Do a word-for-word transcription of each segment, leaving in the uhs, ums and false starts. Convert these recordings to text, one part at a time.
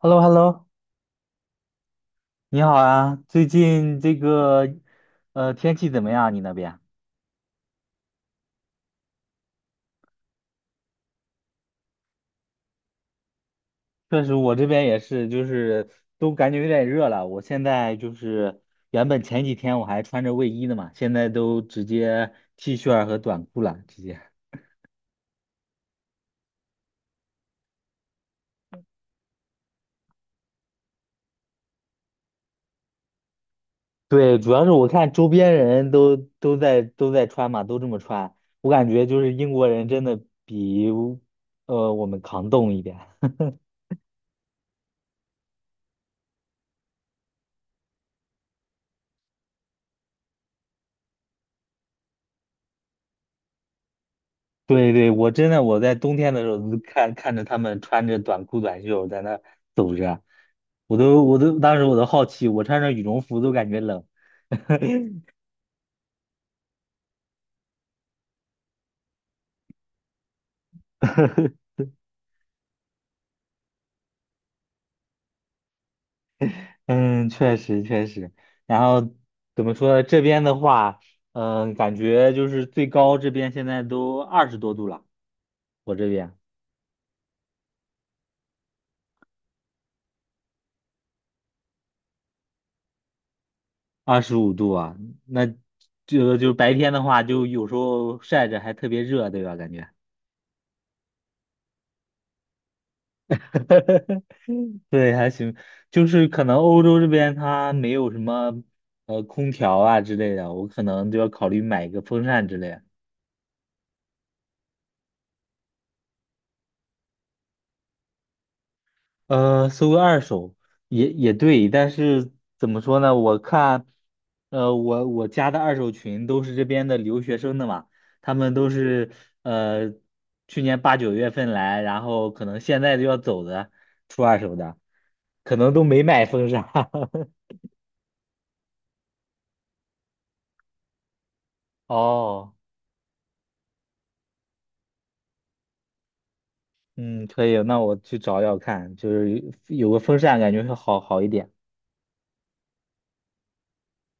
h e l l o h e l l o 你好啊！最近这个呃天气怎么样啊？你那边？确实，我这边也是，就是都感觉有点热了。我现在就是原本前几天我还穿着卫衣的嘛，现在都直接 T 恤儿和短裤了，直接。对，主要是我看周边人都都在都在穿嘛，都这么穿，我感觉就是英国人真的比呃我们抗冻一点。对对，我真的我在冬天的时候就看看着他们穿着短裤短袖在那走着，我都我都当时我都好奇，我穿着羽绒服都感觉冷。嗯，确实确实。然后怎么说呢？这边的话，嗯、感觉就是最高这边现在都二十多度了，我这边二十五度啊。那这个就白天的话，就有时候晒着还特别热，对吧？感觉。对，还行，就是可能欧洲这边它没有什么呃空调啊之类的，我可能就要考虑买一个风扇之类的呃，搜个二手也也对，但是怎么说呢？我看，呃，我我加的二手群都是这边的留学生的嘛，他们都是呃去年八九月份来，然后可能现在就要走的，出二手的，可能都没买风扇。哦。嗯，可以，那我去找找看，就是有个风扇，感觉会好好一点。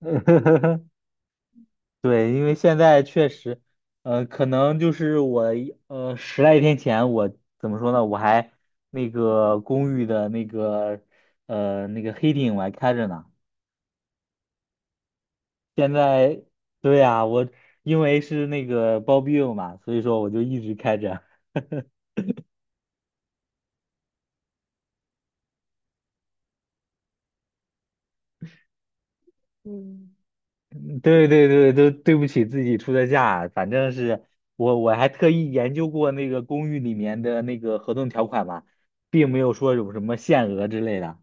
对，因为现在确实，呃，可能就是我一呃十来天前，我怎么说呢？我还那个公寓的那个呃那个黑顶我还开着呢。现在，对呀，我因为是那个包庇嘛，所以说我就一直开着。嗯，对对对，都对不起自己出的价，反正是我我还特意研究过那个公寓里面的那个合同条款嘛，并没有说有什么限额之类的。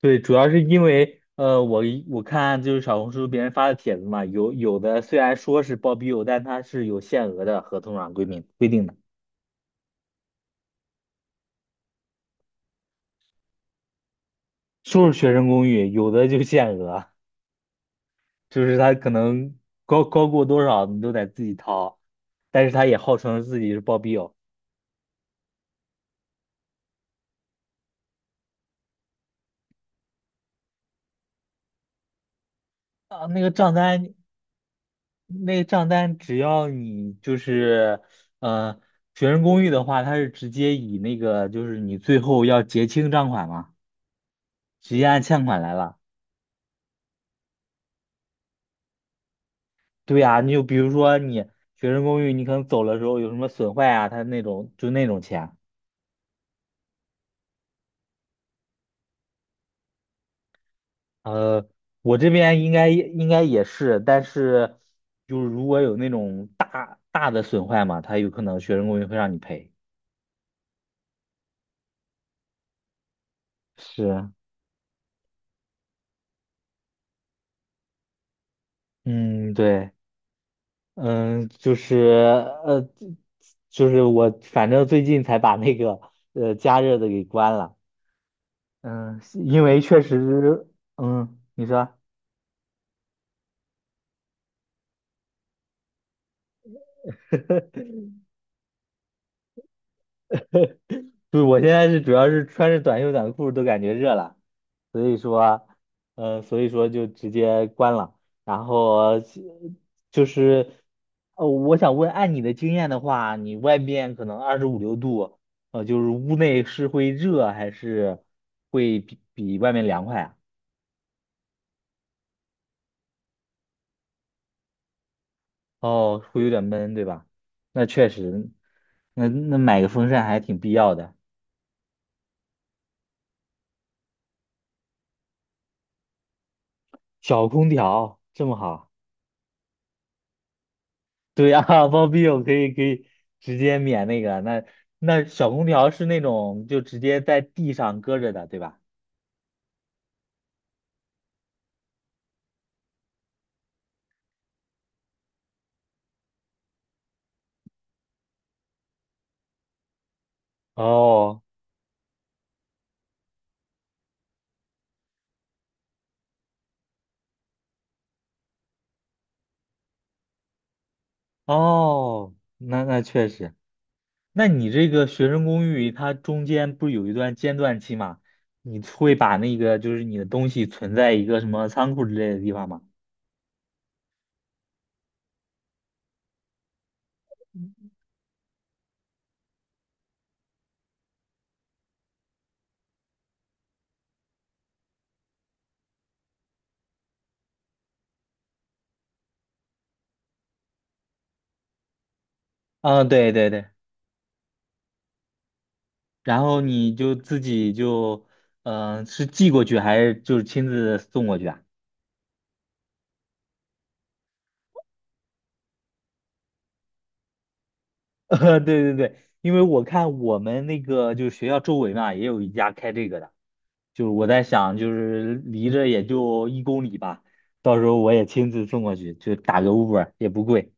对，主要是因为呃，我一我看就是小红书别人发的帖子嘛，有有的虽然说是包庇友，但它是有限额的，合同上规定规定的，说是学生公寓，有的就限额，就是他可能高高过多少你都得自己掏，但是他也号称自己是包庇友。啊，那个账单那个账单只要你就是，呃，学生公寓的话，它是直接以那个就是你最后要结清账款嘛，直接按欠款来了。对呀，你就比如说你学生公寓，你可能走了时候有什么损坏啊，它那种就那种钱。呃，我这边应该应该也是，但是就是如果有那种大大的损坏嘛，它有可能学生公寓会让你赔。是，嗯，对。嗯，就是呃，就是我反正最近才把那个呃加热的给关了。嗯，因为确实，嗯，你说，就是我现在是主要是穿着短袖短裤都感觉热了，所以说，呃，所以说就直接关了。然后就是，呃，我想问，按你的经验的话，你外面可能二十五六度，呃，就是屋内是会热还是会比比外面凉快啊？哦，会有点闷，对吧？那确实，那那买个风扇还挺必要的，小空调这么好。对呀，包庇我可以可以直接免那个，那那小空调是那种就直接在地上搁着的，对吧？哦哦，那那确实，那你这个学生公寓它中间不是有一段间断期吗？你会把那个就是你的东西存在一个什么仓库之类的地方吗？嗯，对对对。然后你就自己就，嗯、是寄过去还是就是亲自送过去啊？呃对对对，因为我看我们那个就是学校周围嘛，也有一家开这个的，就是我在想，就是离着也就一公里吧，到时候我也亲自送过去，就打个 Uber 也不贵。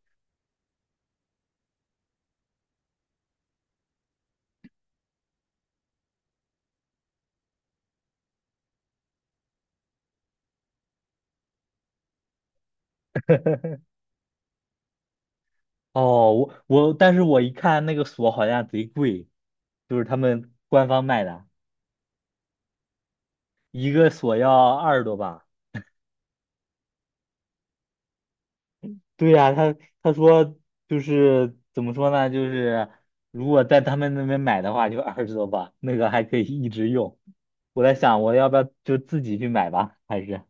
哦，我我，但是我一看那个锁好像贼贵，就是他们官方卖的，一个锁要二十多吧。对呀、他他说就是怎么说呢？就是如果在他们那边买的话，就二十多磅，那个还可以一直用。我在想，我要不要就自己去买吧？还是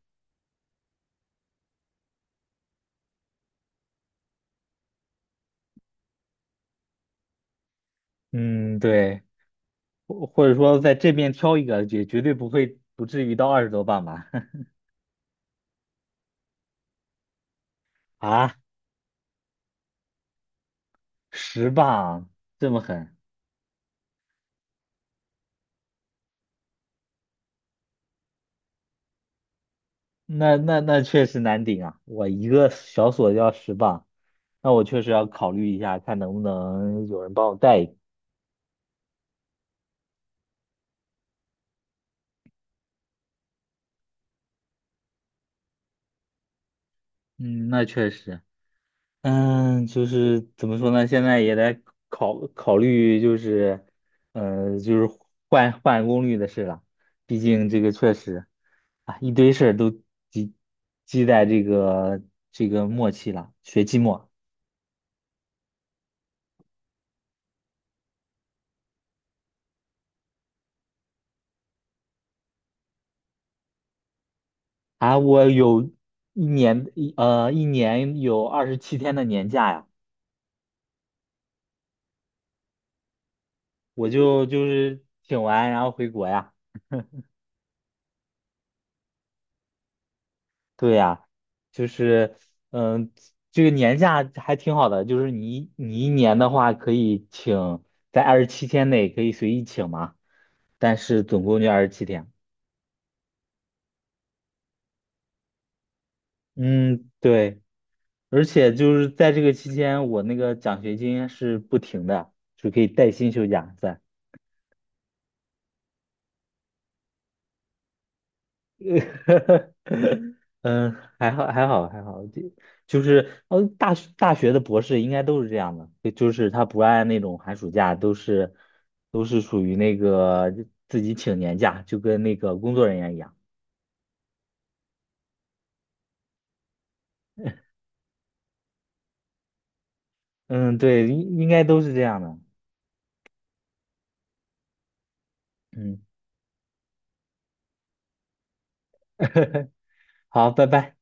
嗯，对，或或者说在这边挑一个，绝绝对不会不至于到二十多磅吧？啊，十磅这么狠？那那那确实难顶啊！我一个小锁要十磅，那我确实要考虑一下，看能不能有人帮我带一个。嗯，那确实。嗯，就是怎么说呢？现在也在考考虑，就是，呃，就是换换功率的事了。毕竟这个确实啊，一堆事儿都积积在这个这个末期了，学期末啊，我有一年一呃一年有二十七天的年假呀，我就就是请完然后回国呀。对呀，就是，嗯，这个年假还挺好的，就是你你一年的话可以请，在二十七天内可以随意请嘛，但是总共就二十七天。嗯，对，而且就是在这个期间，我那个奖学金是不停的，就可以带薪休假在。嗯，还好，还好，还好，就就是呃，大学大学的博士应该都是这样的，就就是他不按那种寒暑假，都是都是属于那个自己请年假，就跟那个工作人员一样。嗯，对，应应该都是这样的。嗯，好，拜拜。